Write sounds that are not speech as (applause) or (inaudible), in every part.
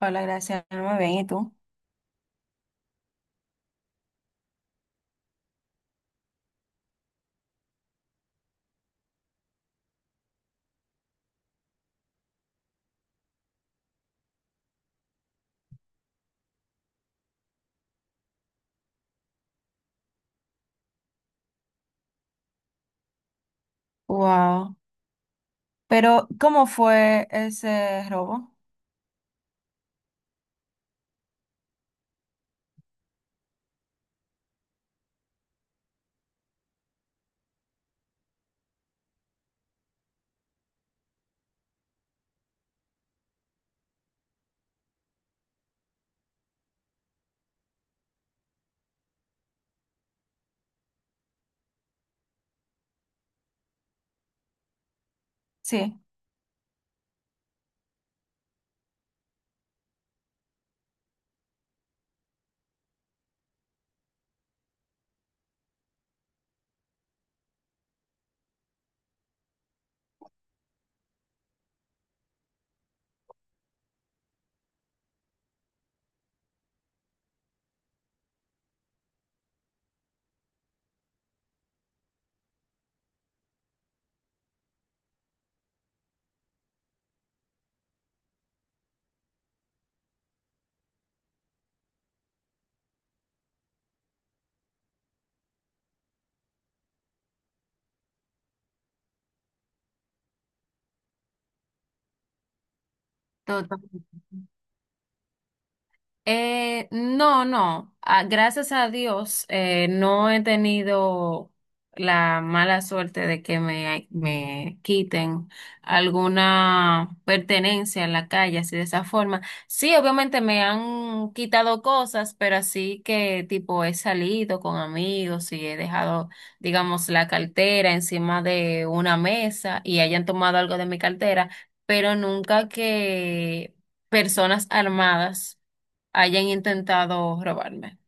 Hola, gracias. Muy bien, ¿y tú? Wow. Pero, ¿cómo fue ese robo? Sí. Todo. No, no. Ah, gracias a Dios, no he tenido la mala suerte de que me quiten alguna pertenencia en la calle, así de esa forma. Sí, obviamente me han quitado cosas, pero así que tipo he salido con amigos y he dejado, digamos, la cartera encima de una mesa y hayan tomado algo de mi cartera, pero nunca que personas armadas hayan intentado robarme.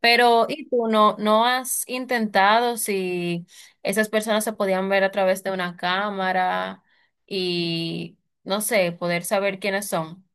Pero, ¿y tú no has intentado si esas personas se podían ver a través de una cámara y, no sé, poder saber quiénes son?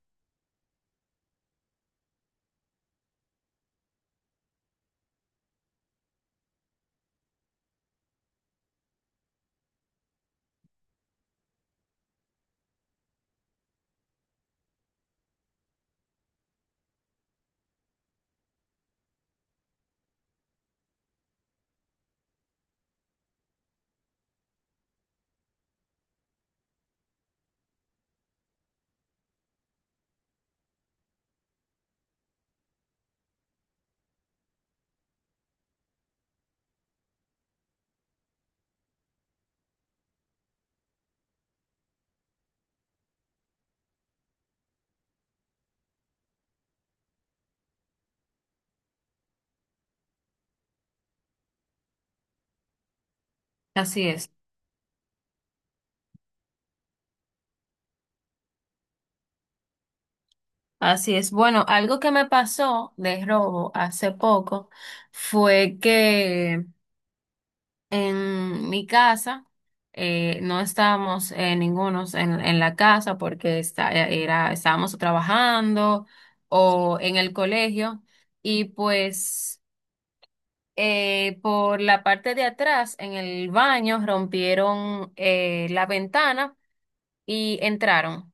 Así es, así es. Bueno, algo que me pasó de robo hace poco fue que en mi casa no estábamos, ningunos en la casa porque está, era, estábamos trabajando o en el colegio, y pues por la parte de atrás en el baño rompieron la ventana y entraron.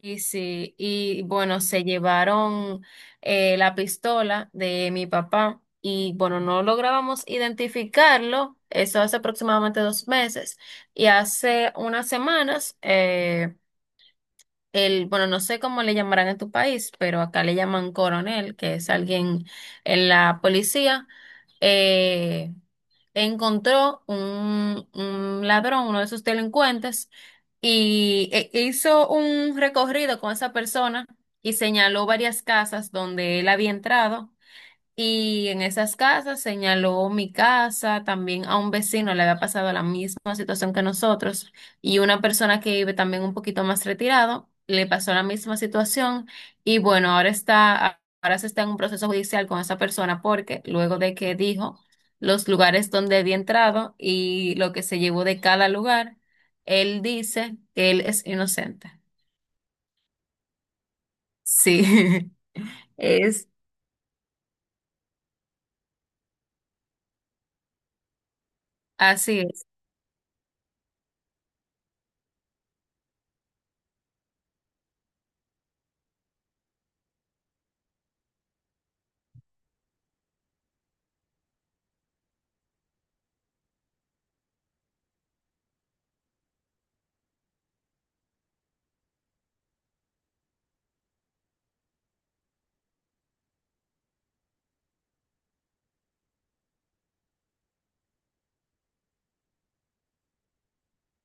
Y sí, y bueno, se llevaron la pistola de mi papá, y bueno, no lográbamos identificarlo. Eso hace aproximadamente 2 meses, y hace unas semanas bueno, no sé cómo le llamarán en tu país, pero acá le llaman coronel, que es alguien en la policía. eh, Encontró un ladrón, uno de sus delincuentes, y e hizo un recorrido con esa persona y señaló varias casas donde él había entrado, y en esas casas señaló mi casa. También a un vecino le había pasado la misma situación que nosotros, y una persona que vive también un poquito más retirado le pasó la misma situación. Y bueno, ahora está, ahora se está en un proceso judicial con esa persona, porque luego de que dijo los lugares donde había entrado y lo que se llevó de cada lugar, él dice que él es inocente. Sí, (laughs) es así.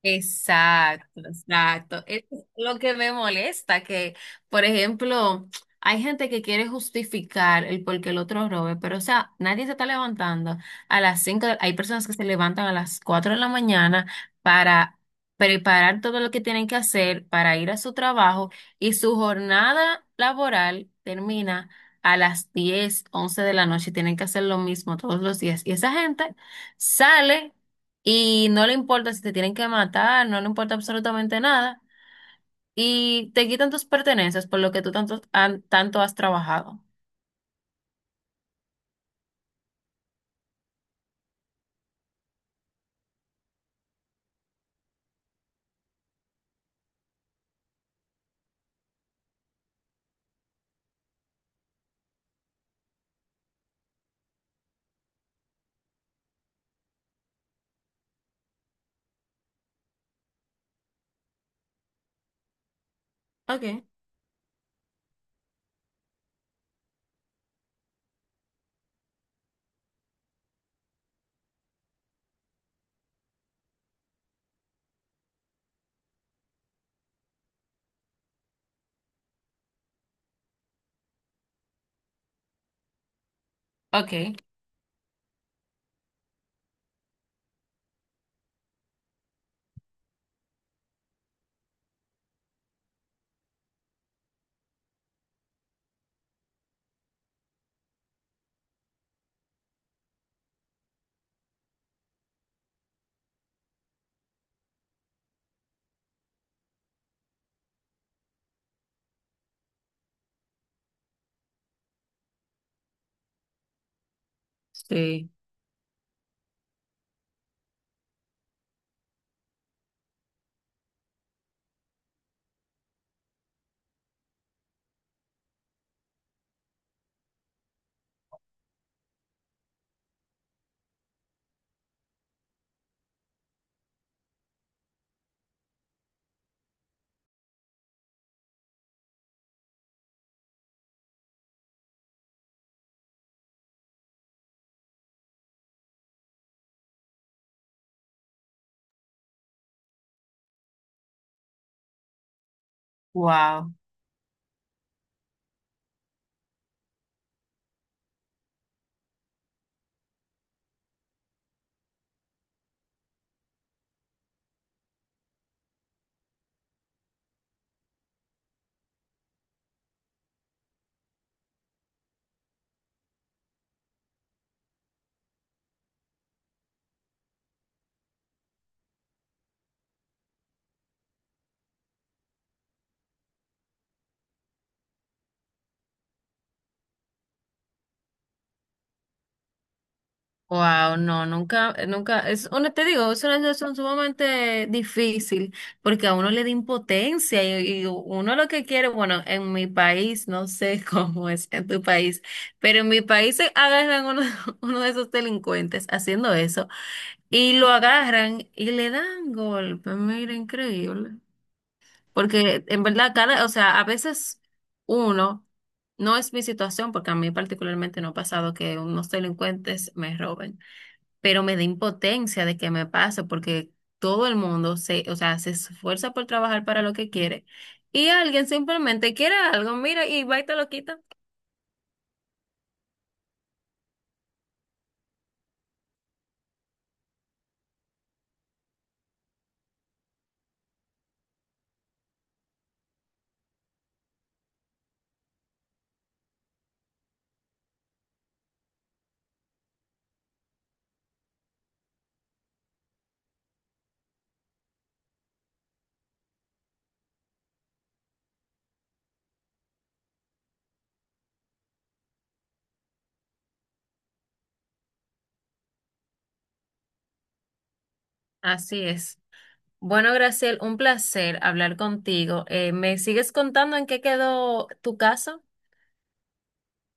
Exacto, exacto. Es lo que me molesta, que, por ejemplo, hay gente que quiere justificar el por qué el otro robe, pero, o sea, nadie se está levantando a las 5. Hay personas que se levantan a las 4 de la mañana para preparar todo lo que tienen que hacer para ir a su trabajo, y su jornada laboral termina a las 10, 11 de la noche. Tienen que hacer lo mismo todos los días. Y esa gente sale y no le importa si te tienen que matar, no le importa absolutamente nada, y te quitan tus pertenencias por lo que tú tanto, tanto has trabajado. Okay, okay. Sí. Wow, wow, no, nunca, nunca, es una, te digo, es una situación sumamente difícil, porque a uno le da impotencia, y uno lo que quiere, bueno, en mi país, no sé (laughs) cómo es en tu país, pero en mi país se agarran uno, (laughs) uno de esos delincuentes haciendo eso, y lo agarran y le dan golpe, mira, increíble. Porque en verdad, o sea, a veces uno, no es mi situación, porque a mí particularmente no ha pasado que unos delincuentes me roben, pero me da impotencia de que me pase, porque todo el mundo se, o sea, se esfuerza por trabajar para lo que quiere, y alguien simplemente quiere algo, mira, y va y te lo quita. Así es. Bueno, Graciel, un placer hablar contigo. ¿Me sigues contando en qué quedó tu caso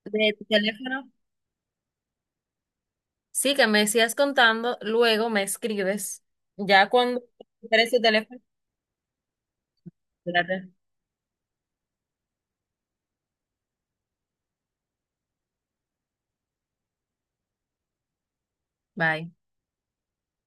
de tu teléfono? Sí, que me sigas contando, luego me escribes. Ya cuando recuperes tu teléfono, espérate. Bye.